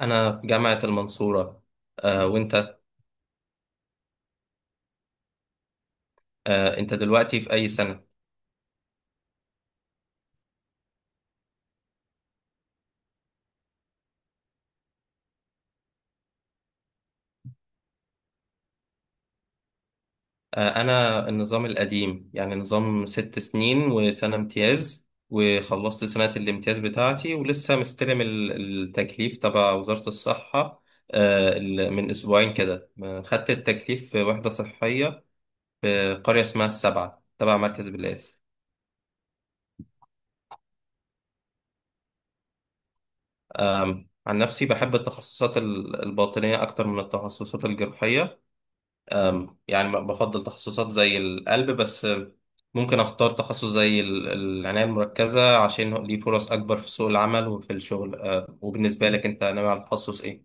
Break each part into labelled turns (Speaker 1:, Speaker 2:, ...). Speaker 1: أنا في جامعة المنصورة. آه، وأنت؟ آه، أنت دلوقتي في أي سنة؟ آه، أنا النظام القديم، يعني نظام 6 سنين وسنة امتياز، وخلصت سنة الامتياز بتاعتي ولسه مستلم التكليف تبع وزارة الصحة. آه، من أسبوعين كده، خدت التكليف في وحدة صحية في قرية اسمها السبعة تبع مركز بلاد. عن نفسي بحب التخصصات الباطنية أكتر من التخصصات الجراحية. يعني بفضل تخصصات زي القلب، بس ممكن اختار تخصص زي العناية المركزة، عشان ليه فرص اكبر في سوق العمل وفي الشغل. وبالنسبة لك انت ناوي على تخصص ايه؟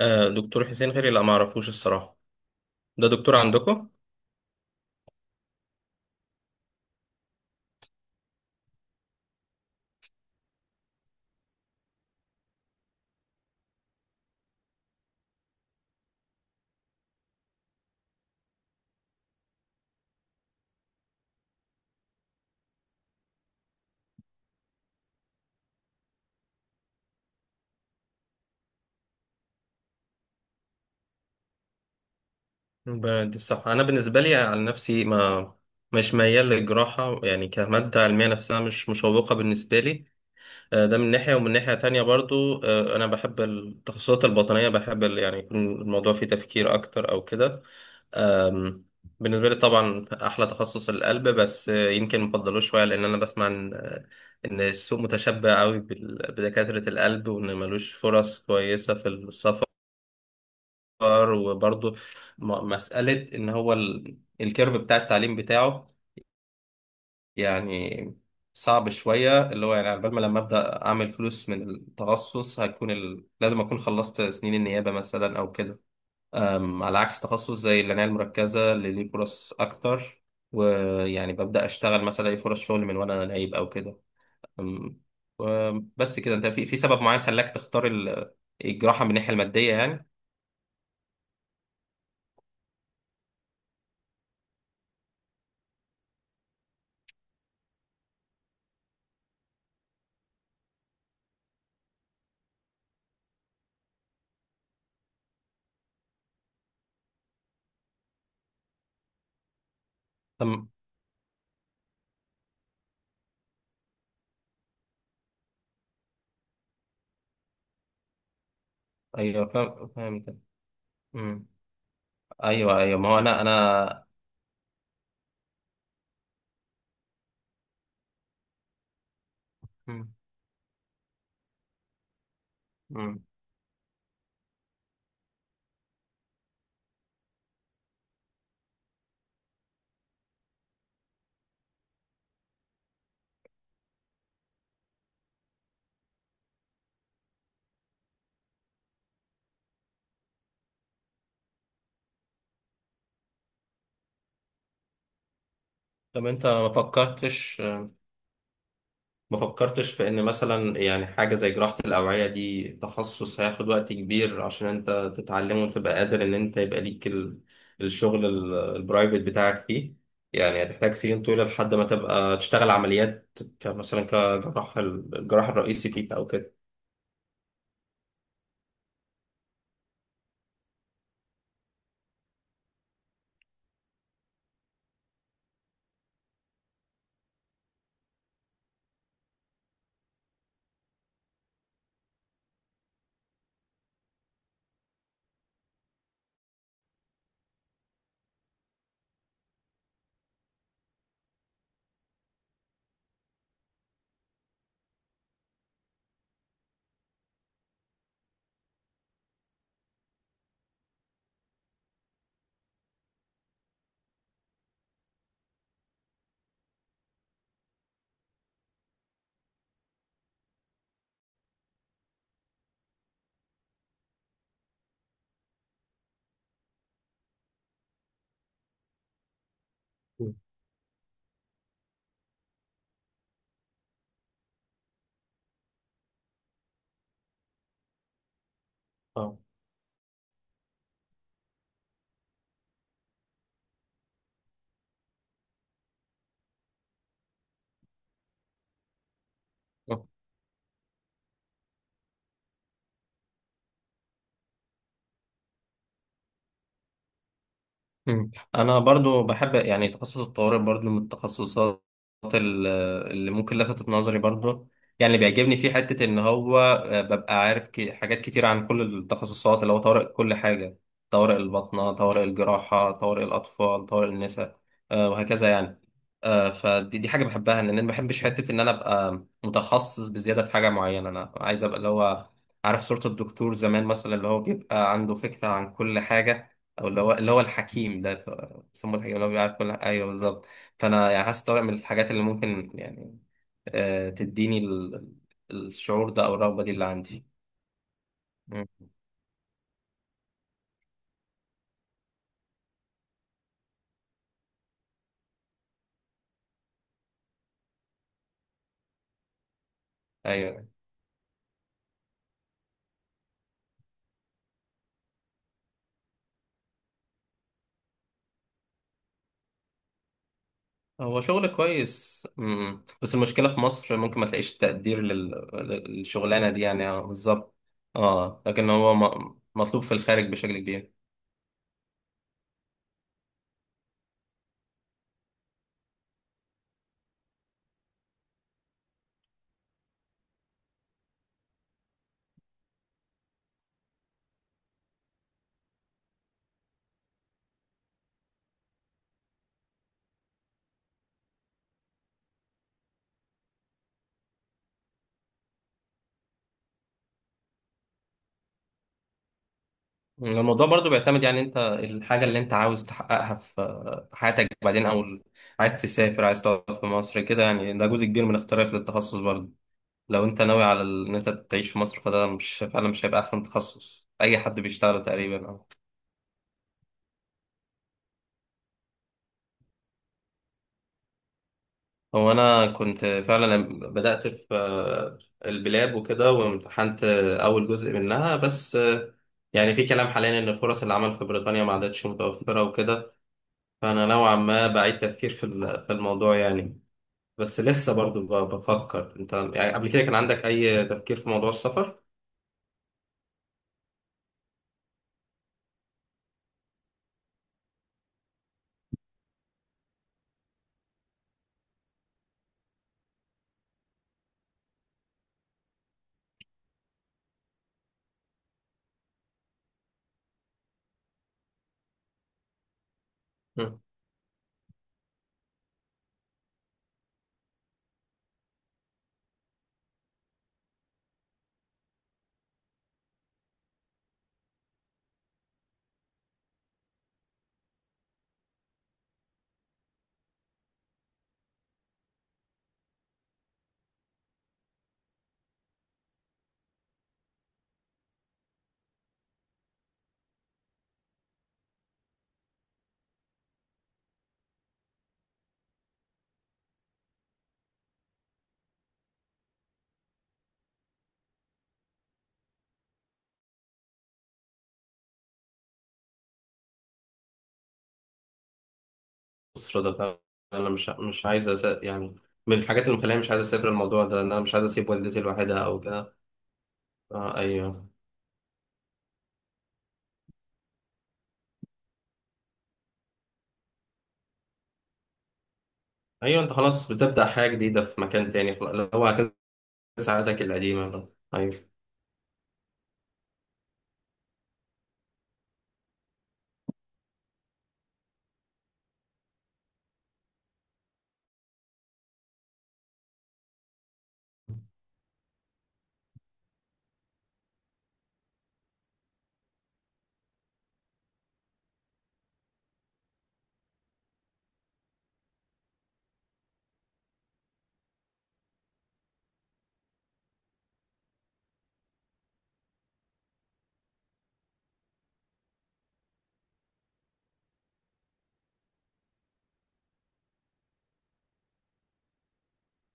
Speaker 1: أه، دكتور حسين غيري، لا ما اعرفوش الصراحة. ده دكتور عندكم؟ دي الصح، انا بالنسبة لي على نفسي ما، مش ميال للجراحة، يعني كمادة علمية نفسها مش مشوقة بالنسبة لي. آه، ده من ناحية، ومن ناحية تانية برضو أنا بحب التخصصات الباطنية، بحب يعني يكون الموضوع فيه تفكير أكتر أو كده. أم، بالنسبة لي طبعا أحلى تخصص القلب، بس يمكن مفضلوش شوية لأن أنا بسمع إن، السوق متشبع قوي بدكاترة القلب، وإن ملوش فرص كويسة في السفر. وبرضه مسألة إن هو الكيرف بتاع التعليم بتاعه يعني صعب شوية، اللي هو يعني على بال ما لما أبدأ أعمل فلوس من التخصص هيكون لازم أكون خلصت سنين النيابة مثلا أو كده. على عكس تخصص زي العناية المركزة اللي ليه فرص أكتر، ويعني ببدأ أشتغل مثلا ألاقي فرص شغل من وأنا نايب أو كده. أم، و- بس كده أنت في، سبب معين خلاك تختار الجراحة من الناحية المادية يعني؟ أم، أيوه، فاهم فاهم كده. أم، أيوه، أيوه، ما هو أنا أم، أم. طب أنت ما فكرتش، في ان مثلا يعني حاجة زي جراحة الأوعية دي تخصص هياخد وقت كبير عشان انت تتعلمه وتبقى قادر ان انت يبقى ليك الشغل البرايفت بتاعك فيه، يعني هتحتاج سنين طويلة لحد ما تبقى تشتغل عمليات كمثلا كجراح الجراح الرئيسي فيك او كده. مم. اه. مم. انا برضو بحب يعني تخصص الطوارئ، برضو من التخصصات ال- اللي ممكن لفتت نظري برضو. يعني اللي بيعجبني فيه حتة ان هو ببقى عارف حاجات كتير عن كل التخصصات اللي هو طوارئ، كل حاجة، طوارئ الباطنة، طوارئ الجراحة، طوارئ الاطفال، طوارئ النساء، وهكذا يعني. فدي حاجة بحبها، لان انا ما بحبش حتة ان انا ابقى متخصص بزيادة في حاجة معينة. انا عايز ابقى اللي هو عارف صورة الدكتور زمان مثلا اللي هو بيبقى عنده فكرة عن كل حاجة، او اللي هو الحكيم ده، اللي هو بيسموه الحكيم، اللي هو بيعرف كل حاجه، ايوه بالظبط. فانا يعني حاسس طارق من الحاجات اللي ممكن يعني تديني الشعور ده او الرغبه دي اللي عندي. مم. ايوه، هو شغل كويس. مم. بس المشكله في مصر ممكن ما تلاقيش تقدير للشغلانه دي يعني، بالظبط. اه، لكن هو مطلوب في الخارج بشكل كبير. الموضوع برضو بيعتمد، يعني انت الحاجة اللي انت عاوز تحققها في حياتك بعدين، او عايز تسافر عايز تقعد في مصر كده، يعني ده جزء كبير من اختيارك للتخصص برضو. لو انت ناوي على ان انت تعيش في مصر، فده مش فعلا مش هيبقى احسن تخصص اي حد بيشتغله تقريبا، اه. هو انا كنت فعلا لما بدأت في البلاب وكده، وامتحنت اول جزء منها بس، يعني في كلام حاليا ان فرص العمل في بريطانيا ما عادتش متوفرة وكده. فانا نوعا ما بعيد تفكير في الموضوع يعني. بس لسه برضو بفكر. انت يعني قبل كده كان عندك اي تفكير في موضوع السفر؟ مم. مصر ده، انا مش عايز يعني، من الحاجات اللي مخليني مش عايز اسافر الموضوع ده ان انا مش عايز اسيب والدتي لوحدها او كده. آه، ايوه. ايوه، انت خلاص بتبدأ حاجة جديدة في مكان تاني، خلاص اللي هو هتنسى عاداتك القديمة بقى. ايوه.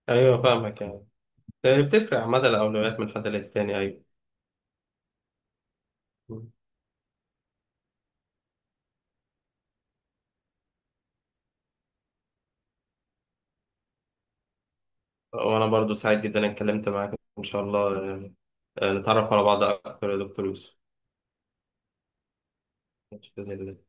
Speaker 1: ايوه، فاهمك يعني. بتفرق عامة، الاولويات من حد للتاني، ايوه. مم. وانا برضو سعيد جدا اني اتكلمت معاك ان شاء الله يعني، نتعرف على بعض اكتر يا دكتور يوسف. بإذن الله.